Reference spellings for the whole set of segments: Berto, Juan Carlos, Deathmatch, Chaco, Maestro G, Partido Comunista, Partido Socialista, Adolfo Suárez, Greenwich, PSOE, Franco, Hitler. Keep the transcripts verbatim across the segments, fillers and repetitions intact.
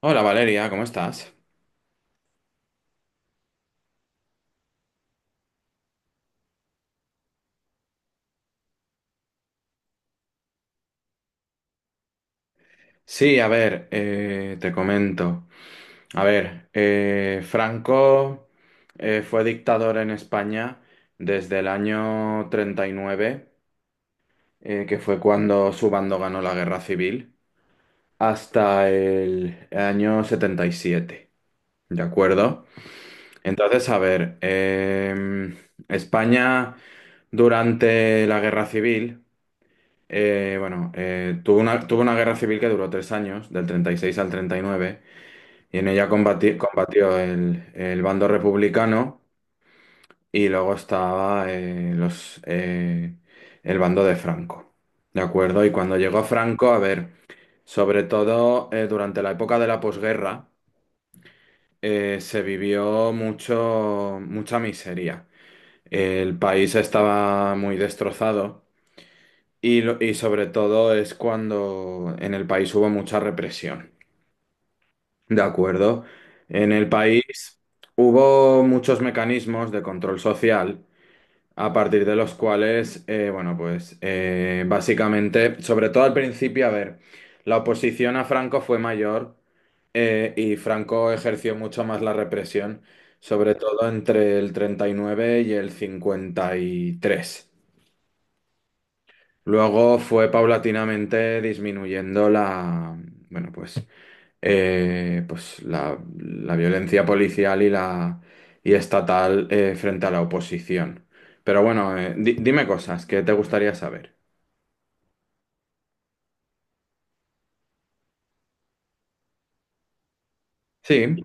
Hola Valeria, ¿cómo estás? Sí, a ver, eh, te comento. A ver, eh, Franco eh, fue dictador en España desde el año treinta y nueve, eh, que fue cuando su bando ganó la guerra civil, hasta el año setenta y siete, ¿de acuerdo? Entonces, a ver, em, España durante la guerra civil. Eh, bueno, eh, tuvo una, tuvo una guerra civil que duró tres años, del treinta y seis al treinta y nueve, y nueve, y en ella combati- combatió el, el bando republicano y luego estaba eh, los, eh, el bando de Franco. ¿De acuerdo? Y cuando llegó Franco, a ver, sobre todo eh, durante la época de la posguerra, eh, se vivió mucho, mucha miseria. El país estaba muy destrozado. Y, lo- y sobre todo es cuando en el país hubo mucha represión, ¿de acuerdo? En el país hubo muchos mecanismos de control social a partir de los cuales, eh, bueno, pues eh, básicamente, sobre todo al principio, a ver, la oposición a Franco fue mayor eh, y Franco ejerció mucho más la represión, sobre todo entre el treinta y nueve y nueve y el cincuenta y tres. Luego fue paulatinamente disminuyendo la, bueno, pues, eh, pues la, la violencia policial y la y estatal eh, frente a la oposición. Pero bueno, eh, di- dime cosas que te gustaría saber. Sí,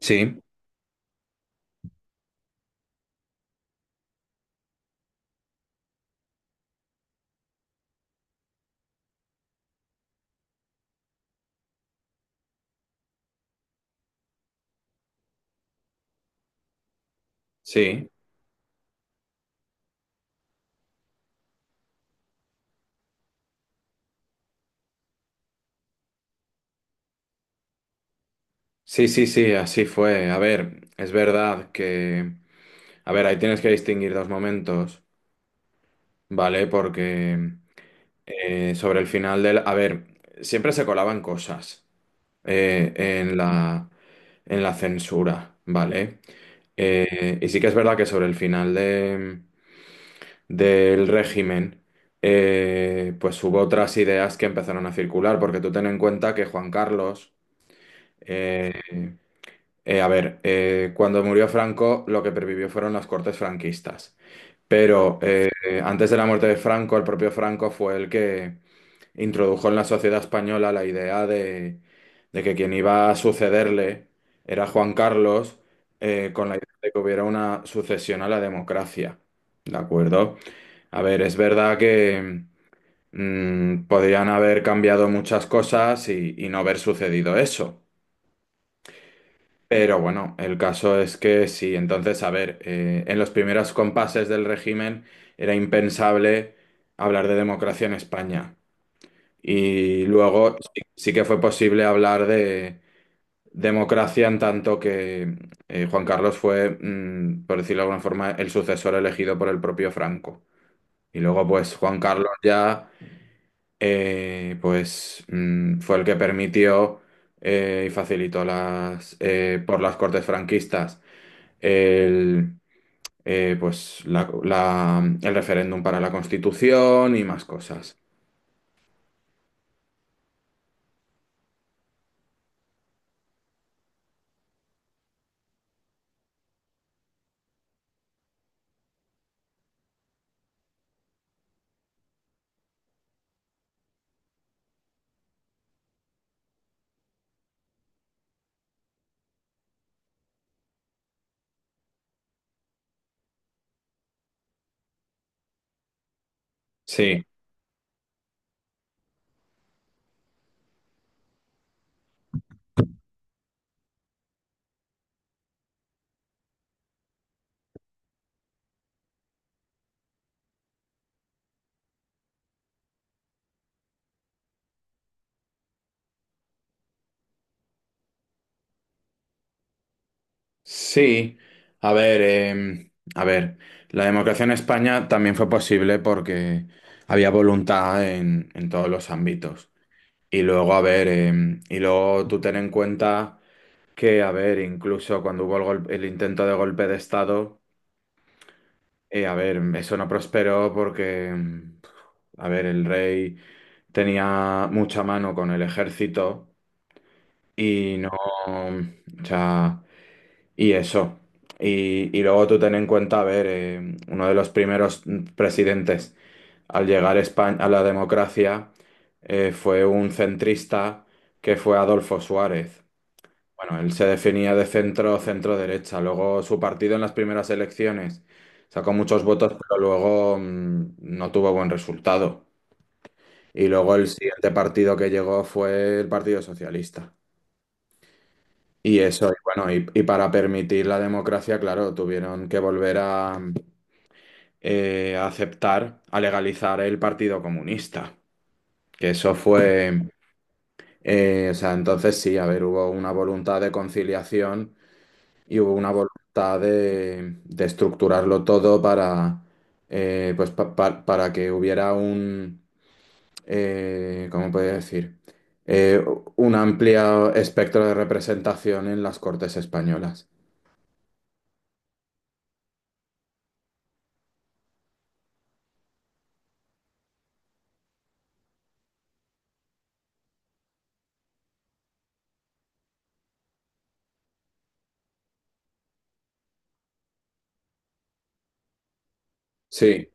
sí, sí, sí, sí, sí, así fue. A ver, es verdad que, a ver, ahí tienes que distinguir dos momentos, ¿vale? Porque eh, sobre el final del, a ver, siempre se colaban cosas eh, en la, en la censura, ¿vale? Eh, y sí que es verdad que sobre el final de- del régimen, eh, pues hubo otras ideas que empezaron a circular, porque tú ten en cuenta que Juan Carlos, eh, eh, a ver, eh, cuando murió Franco, lo que pervivió fueron las cortes franquistas. Pero eh, antes de la muerte de Franco, el propio Franco fue el que introdujo en la sociedad española la idea de, de que quien iba a sucederle era Juan Carlos, eh, con la idea de que hubiera una sucesión a la democracia. ¿De acuerdo? A ver, es verdad que mm, podrían haber cambiado muchas cosas y, y no haber sucedido eso. Pero bueno, el caso es que sí, entonces, a ver, eh, en los primeros compases del régimen era impensable hablar de democracia en España. Y luego sí, sí que fue posible hablar de democracia en tanto que eh, Juan Carlos fue, mm, por decirlo de alguna forma, el sucesor elegido por el propio Franco. Y luego, pues, Juan Carlos ya, eh, pues, mm, fue el que permitió eh, y facilitó las, eh, por las Cortes franquistas el, eh, pues, la- la- el referéndum para la Constitución y más cosas. Sí. Sí, a ver, eh, a ver, la democracia en España también fue posible porque había voluntad en, en todos los ámbitos. Y luego, a ver, eh, y luego tú ten en cuenta que, a ver, incluso cuando hubo el, gol- el intento de golpe de Estado, eh, a ver, eso no prosperó porque, mm, a ver, el rey tenía mucha mano con el ejército y no, o sea... Y eso. Y, y luego tú ten en cuenta, a ver, eh, uno de los primeros presidentes al llegar a España, a la democracia eh, fue un centrista que fue Adolfo Suárez. Bueno, él se definía de centro, centro derecha. Luego su partido en las primeras elecciones sacó muchos votos, pero luego mm, no tuvo buen resultado. Y luego el siguiente partido que llegó fue el Partido Socialista. Y eso, y bueno, y, y para permitir la democracia, claro, tuvieron que volver a, eh, a aceptar, a legalizar el Partido Comunista, que eso fue, eh, o sea, entonces sí, a ver, hubo una voluntad de conciliación y hubo una voluntad de, de estructurarlo todo para, eh, pues, pa- pa- para que hubiera un, eh, ¿cómo podría decir? Eh, un amplio espectro de representación en las Cortes españolas. Sí.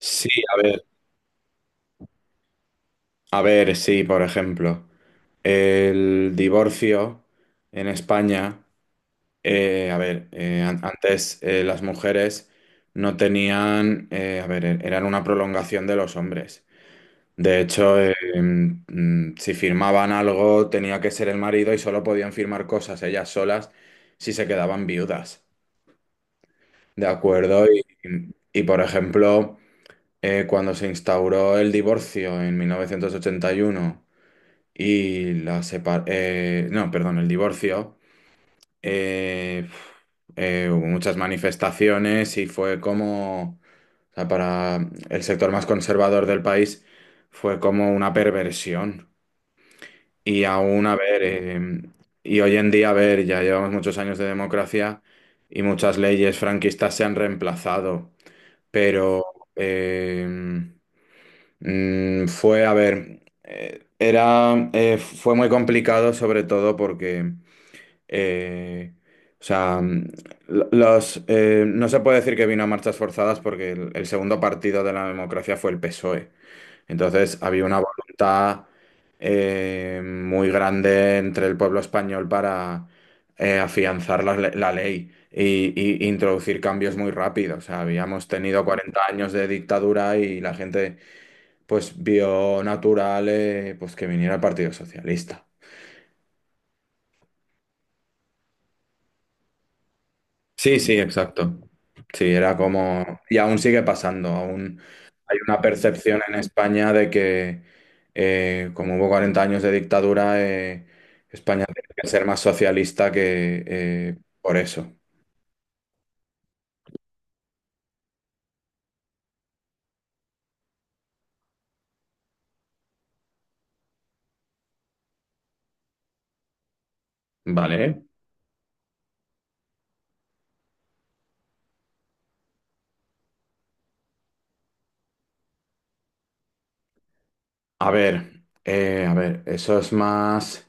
Sí, a ver, a ver, sí, por ejemplo, el divorcio en España, eh, a ver, eh, an- antes eh, las mujeres no tenían, eh, a ver, er- eran una prolongación de los hombres. De hecho, eh, em, mm, si firmaban algo tenía que ser el marido y solo podían firmar cosas ellas solas si se quedaban viudas. ¿De acuerdo? Y, y por ejemplo, eh, cuando se instauró el divorcio en mil novecientos ochenta y uno. Y la separación, no, perdón, el divorcio, eh, eh, hubo muchas manifestaciones y fue como, o sea, para el sector más conservador del país, fue como una perversión. Y aún, a ver, eh, y hoy en día, a ver, ya llevamos muchos años de democracia y muchas leyes franquistas se han reemplazado, pero... eh, Mm, fue, a ver, eh, era, eh, fue muy complicado sobre todo porque, eh, o sea, mm, lo- los, eh, no se puede decir que vino a marchas forzadas porque el, el segundo partido de la democracia fue el PSOE. Entonces había una voluntad eh, muy grande entre el pueblo español para eh, afianzar la, le- la ley y, y introducir cambios muy rápidos. O sea, habíamos tenido cuarenta años de dictadura y la gente pues vio natural eh, pues que viniera el Partido Socialista. Sí, sí, exacto. Sí, era como, y aún sigue pasando, aún hay una percepción en España de que eh, como hubo cuarenta años de dictadura, eh, España tiene que ser más socialista que eh, por eso. Vale. A ver, eh, a ver, eso es más,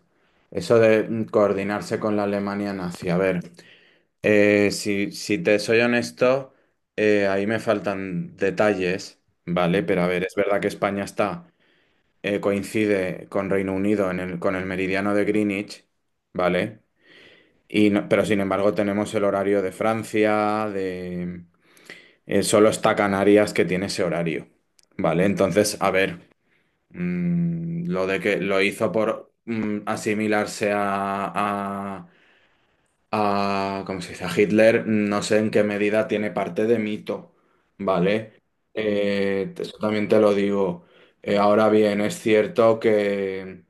eso de mm, coordinarse con la Alemania nazi, a ver. Eh, si, si te soy honesto, eh, ahí me faltan detalles, ¿vale? Pero a ver, es verdad que España está, eh, coincide con Reino Unido en el, con el meridiano de Greenwich, ¿vale? Y no- pero sin embargo tenemos el horario de Francia, de, eh, solo está Canarias que tiene ese horario, ¿vale? Entonces, a ver, mm, lo de que lo hizo por mm, asimilarse a, a, ¿cómo se dice? A Hitler, no sé en qué medida tiene parte de mito, ¿vale? Eh, eso también te lo digo. Eh, ahora bien, es cierto que,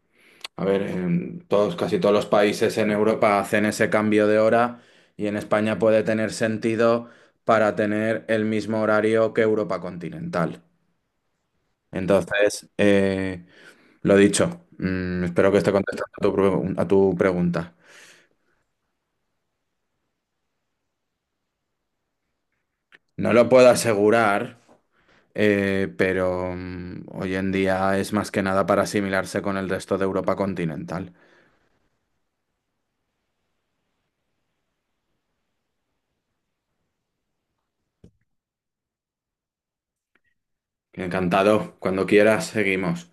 a ver, en todos, casi todos los países en Europa hacen ese cambio de hora y en España puede tener sentido para tener el mismo horario que Europa continental. Entonces, eh, lo dicho, mm, espero que esté contestando a tu pre- a tu pregunta. No lo puedo asegurar. Eh, pero mm, hoy en día es más que nada para asimilarse con el resto de Europa continental. Encantado, cuando quieras, seguimos.